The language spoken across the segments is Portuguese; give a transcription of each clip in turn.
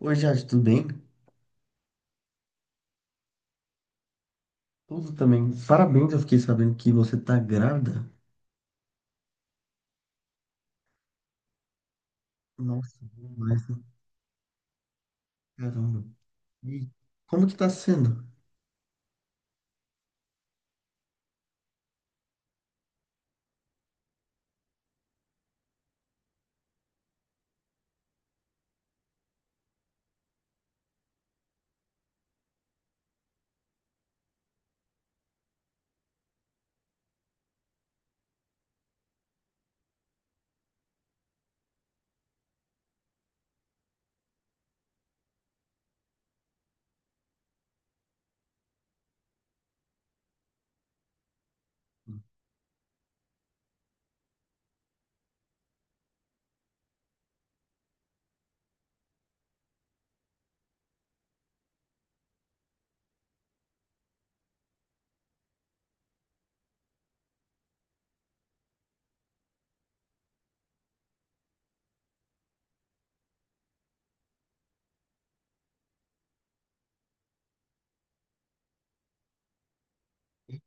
Oi, Jade, tudo bem? Tudo também. Parabéns, eu fiquei sabendo que você tá grávida. Nossa, mas caramba. E como que tá sendo?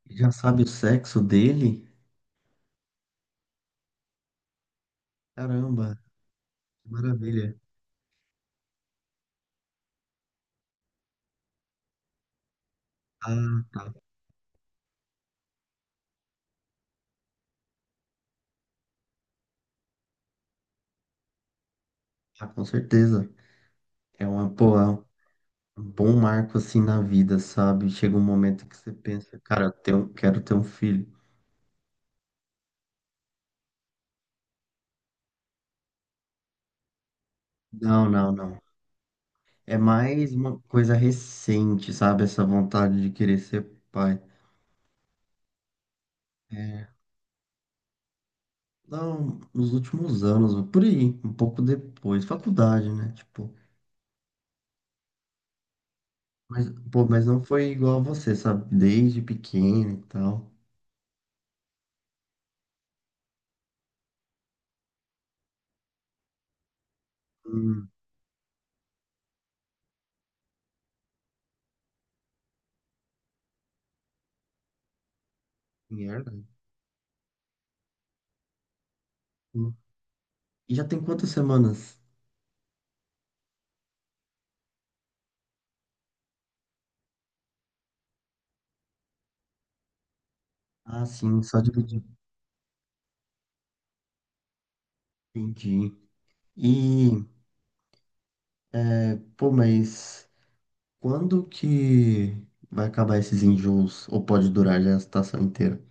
Já sabe o sexo dele? Caramba, que maravilha. Ah, ah, com certeza. É uma, pô, é um bom marco assim na vida, sabe? Chega um momento que você pensa, cara, eu tenho- quero ter um filho. Não, não, não. É mais uma coisa recente, sabe? Essa vontade de querer ser pai. É, não, nos últimos anos, por aí, um pouco depois, faculdade, né? Tipo, mas, pô, mas não foi igual a você, sabe? Desde pequeno e tal. Hum, merda. Hum. E já tem quantas semanas? Ah, sim, só dividir. Entendi. E, pô, mas quando que vai acabar esses enjoos? Ou pode durar já a estação inteira?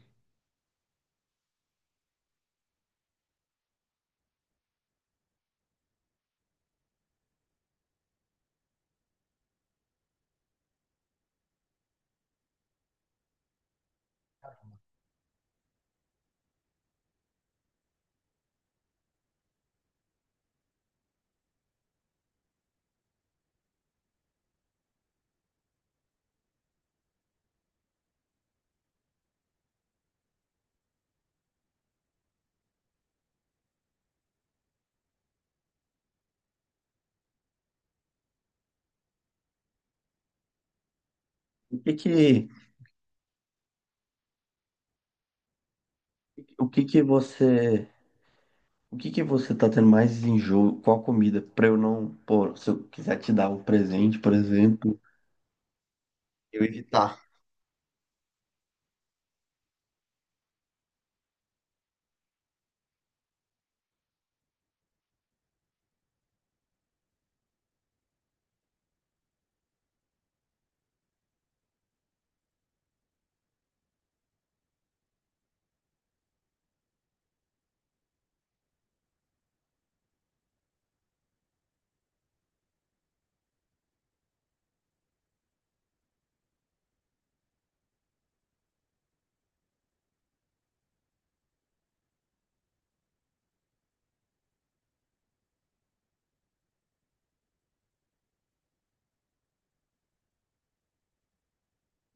O que que, o que que você O que que você tá tendo mais enjoo? Qual comida? Pra eu não, pô, se eu quiser te dar um presente, por exemplo, eu evitar.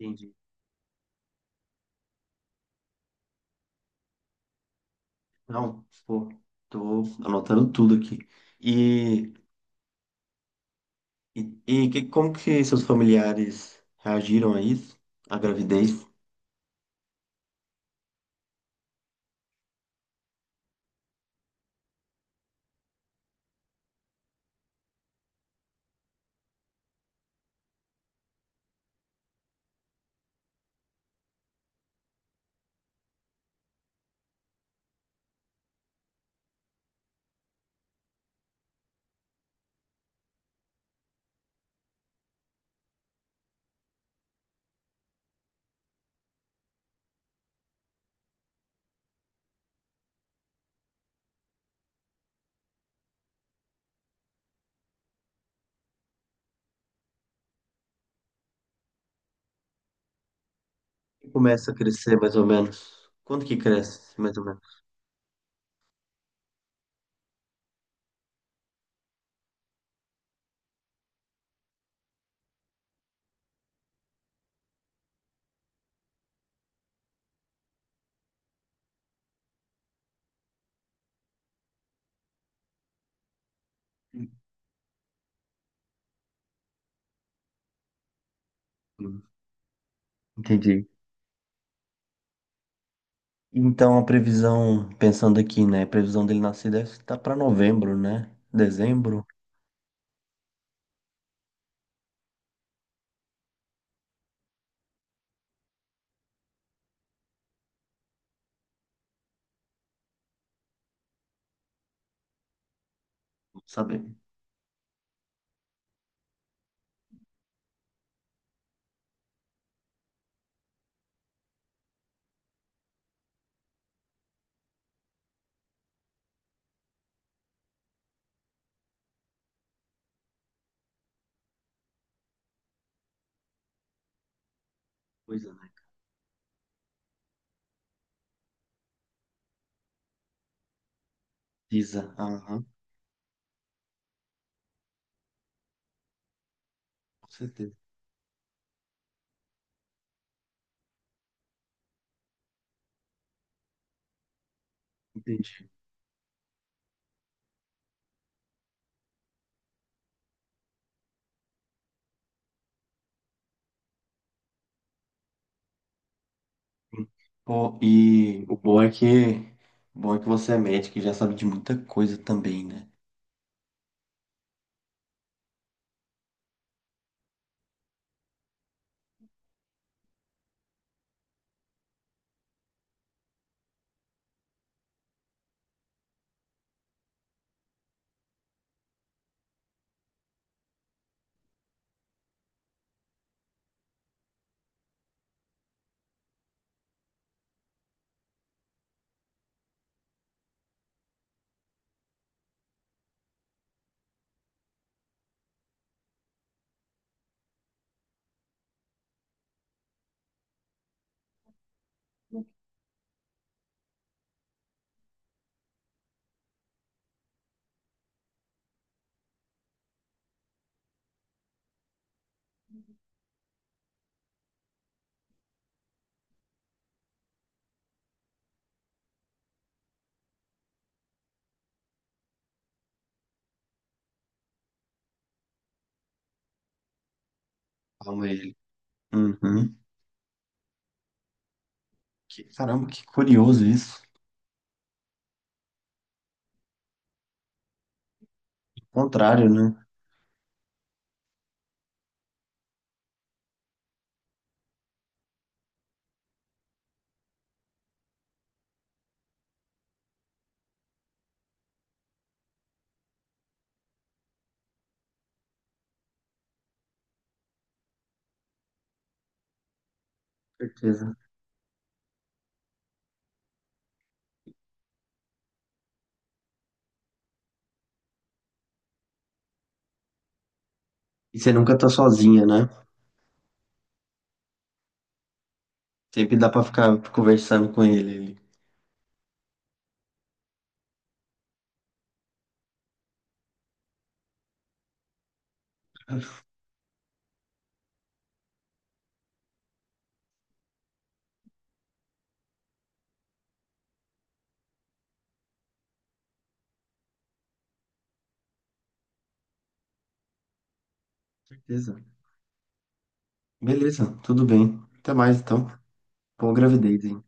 Entendi. Não, pô, tô anotando tudo aqui. E, e que- como que seus familiares reagiram a isso? A gravidez? Começa a crescer mais ou menos. Quando que cresce, mais ou menos? Hum, Entendi. Então a previsão, pensando aqui, né? A previsão dele nascer deve estar para novembro, né? Dezembro, não sabe? Pisa. Aham, com certeza. Entendi. Pô, e o bom é que, o bom é que você é médico e já sabe de muita coisa também, né? Calma ele. Uhum. Que, caramba, que curioso isso. Ao contrário, né? Com certeza. E você nunca tá sozinha, né? Sempre dá pra ficar conversando com ele. Com certeza. Beleza, tudo bem. Até mais, então. Boa gravidez, hein?